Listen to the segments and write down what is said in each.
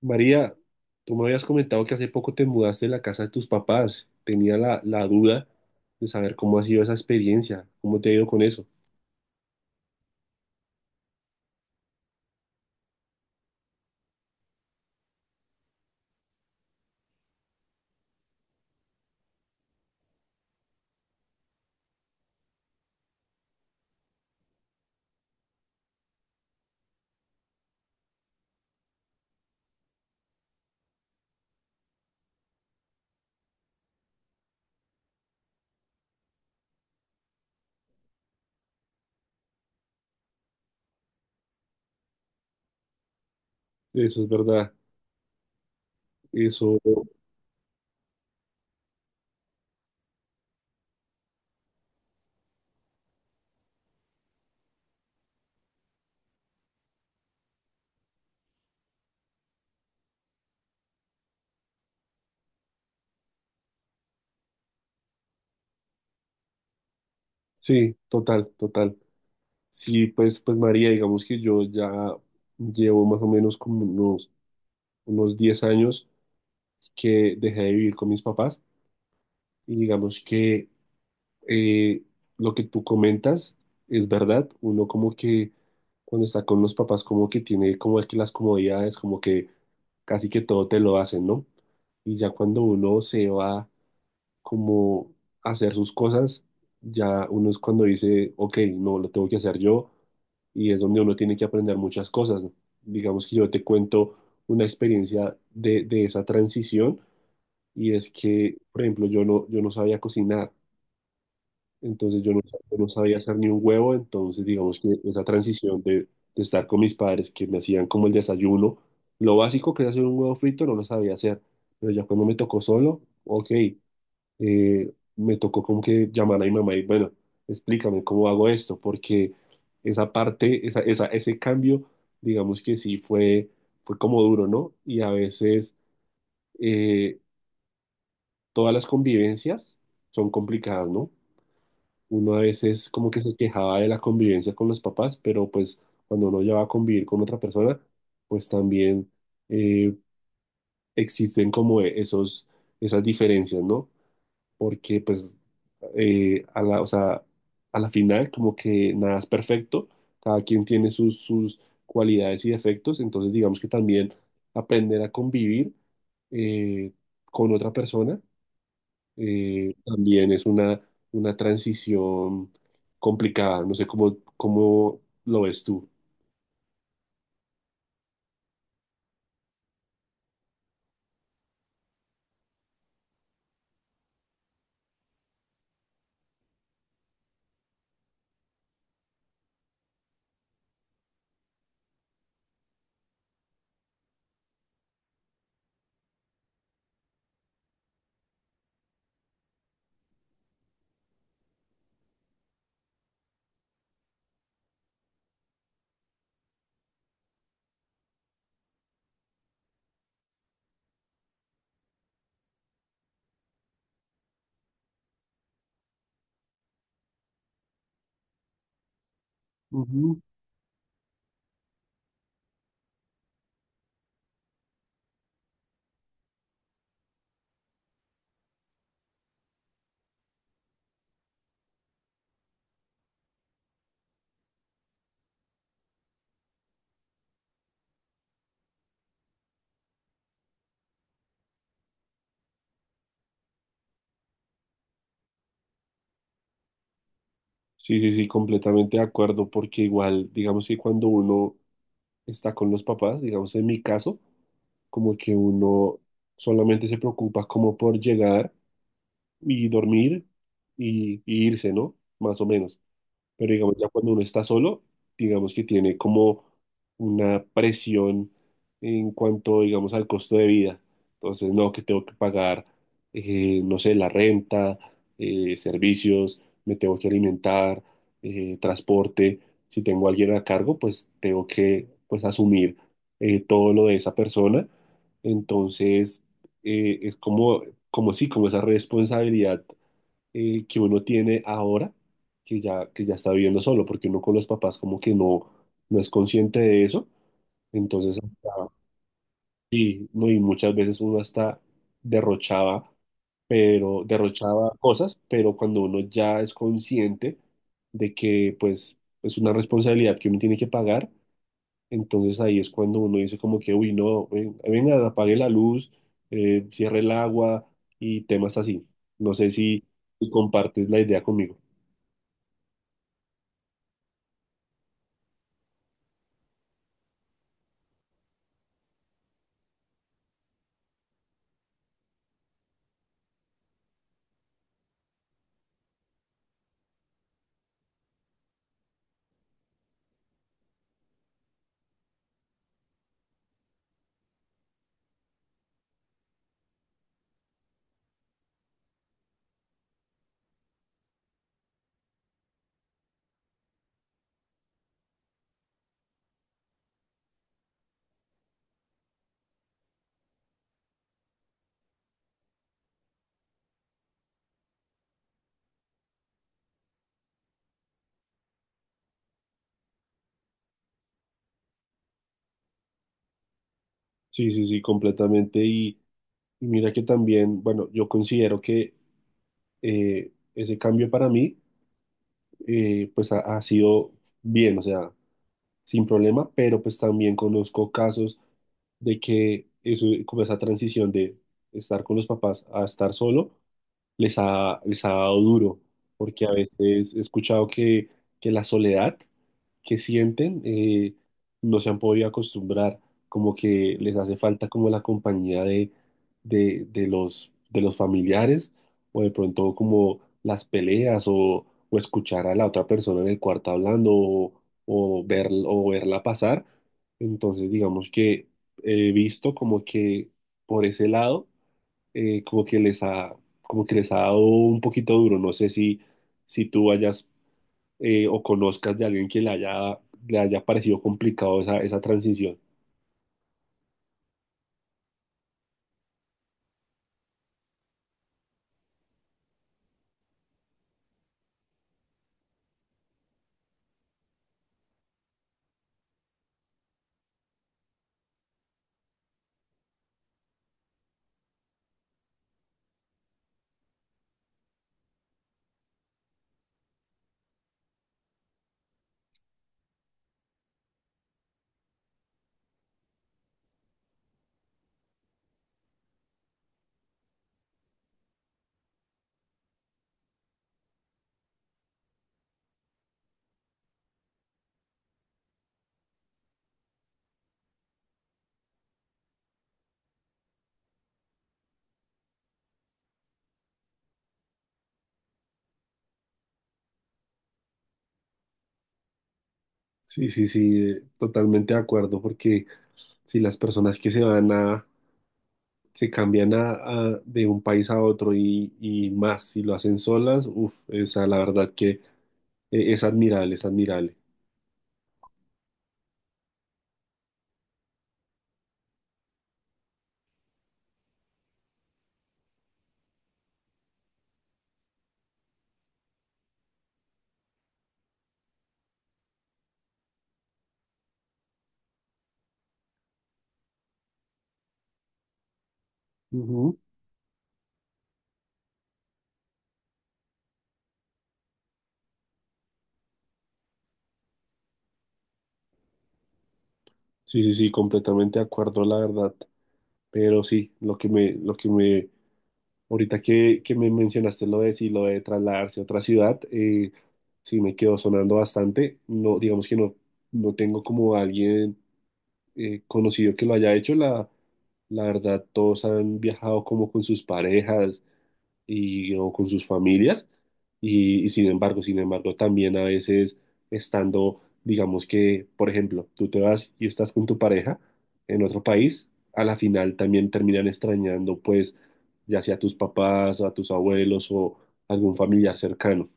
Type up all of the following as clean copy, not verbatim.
María, tú me habías comentado que hace poco te mudaste de la casa de tus papás. Tenía la duda de saber cómo ha sido esa experiencia, cómo te ha ido con eso. Eso es verdad. Eso, sí, total, total. Sí, pues María, digamos que yo ya llevo más o menos como unos 10 años que dejé de vivir con mis papás y digamos que eh, lo que tú comentas es verdad. Uno como que cuando está con los papás como que tiene como que las comodidades, como que casi que todo te lo hacen, ¿no? Y ya cuando uno se va como a hacer sus cosas, ya uno es cuando dice, ok, no, lo tengo que hacer yo y es donde uno tiene que aprender muchas cosas. Digamos que yo te cuento una experiencia de esa transición y es que, por ejemplo, yo no sabía cocinar, entonces yo no sabía hacer ni un huevo. Entonces digamos que esa transición de estar con mis padres, que me hacían como el desayuno, lo básico, que era hacer un huevo frito, no lo sabía hacer, pero ya cuando me tocó solo, ok, me tocó como que llamar a mi mamá y bueno, explícame cómo hago esto, porque esa parte, ese cambio, digamos que sí fue como duro, ¿no? Y a veces eh, todas las convivencias son complicadas, ¿no? Uno a veces como que se quejaba de la convivencia con los papás, pero pues cuando uno ya va a convivir con otra persona, pues también eh, existen como esos, esas diferencias, ¿no? Porque pues a la, o sea, a la final como que nada es perfecto, cada quien tiene sus cualidades y defectos, entonces digamos que también aprender a convivir eh, con otra persona también es una transición complicada. No sé cómo lo ves tú. Ujú. Sí, sí, sí, completamente de acuerdo, porque igual, digamos que cuando uno está con los papás, digamos en mi caso, como que uno solamente se preocupa como por llegar y dormir y irse, ¿no? Más o menos. Pero digamos, ya cuando uno está solo, digamos que tiene como una presión en cuanto, digamos, al costo de vida. Entonces, no, que tengo que pagar, no sé, la renta, servicios, me tengo que alimentar, transporte. Si tengo a alguien a cargo, pues tengo que, pues, asumir todo lo de esa persona. Entonces, es como, como sí, como esa responsabilidad que uno tiene ahora, que ya está viviendo solo, porque uno con los papás como que no, no es consciente de eso. Entonces, no, y muchas veces uno hasta derrochaba, pero derrochaba cosas, pero cuando uno ya es consciente de que pues es una responsabilidad que uno tiene que pagar, entonces ahí es cuando uno dice como que, uy, no, venga, apague la luz, cierre el agua y temas así. No sé si compartes la idea conmigo. Sí, sí, sí, completamente. Y mira que también, bueno, yo considero que ese cambio para mí, pues ha sido bien, o sea, sin problema, pero pues también conozco casos de que eso, como esa transición de estar con los papás a estar solo, les ha dado duro, porque a veces he escuchado que la soledad que sienten no se han podido acostumbrar, como que les hace falta como la compañía de los familiares o de pronto como las peleas o escuchar a la otra persona en el cuarto hablando o, o verla pasar. Entonces digamos que he visto como que por ese lado eh, como que les ha, como que les ha dado un poquito duro. No sé si, si tú hayas o conozcas de alguien que le le haya parecido complicado esa transición. Sí, sí, sí, totalmente de acuerdo, porque si las personas que se van a, se cambian a, de un país a otro y más, si lo hacen solas, uff, esa la verdad que es admirable, es admirable. Ujú. Sí, sí, sí, completamente de acuerdo, la verdad. Pero sí, lo que me ahorita que me mencionaste lo de si lo de trasladarse a otra ciudad, sí me quedó sonando bastante. No, digamos que no, no tengo como alguien conocido que lo haya hecho. La verdad, todos han viajado como con sus parejas y, o con sus familias. Y sin embargo, sin embargo, también a veces estando, digamos que, por ejemplo, tú te vas y estás con tu pareja en otro país, a la final también terminan extrañando, pues, ya sea a tus papás, a tus abuelos o algún familiar cercano.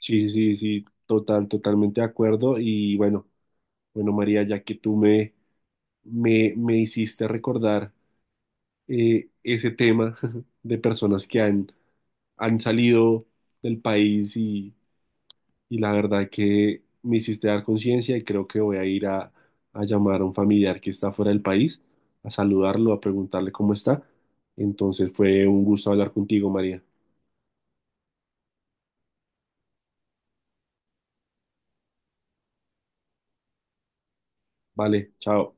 Sí, sí, sí, sí, total, totalmente de acuerdo. Y bueno, bueno, María, ya que me hiciste recordar ese tema de personas que han salido del país y la verdad que me hiciste dar conciencia y creo que voy a ir a llamar a un familiar que está fuera del país, a saludarlo, a preguntarle cómo está. Entonces fue un gusto hablar contigo, María. Vale, chao.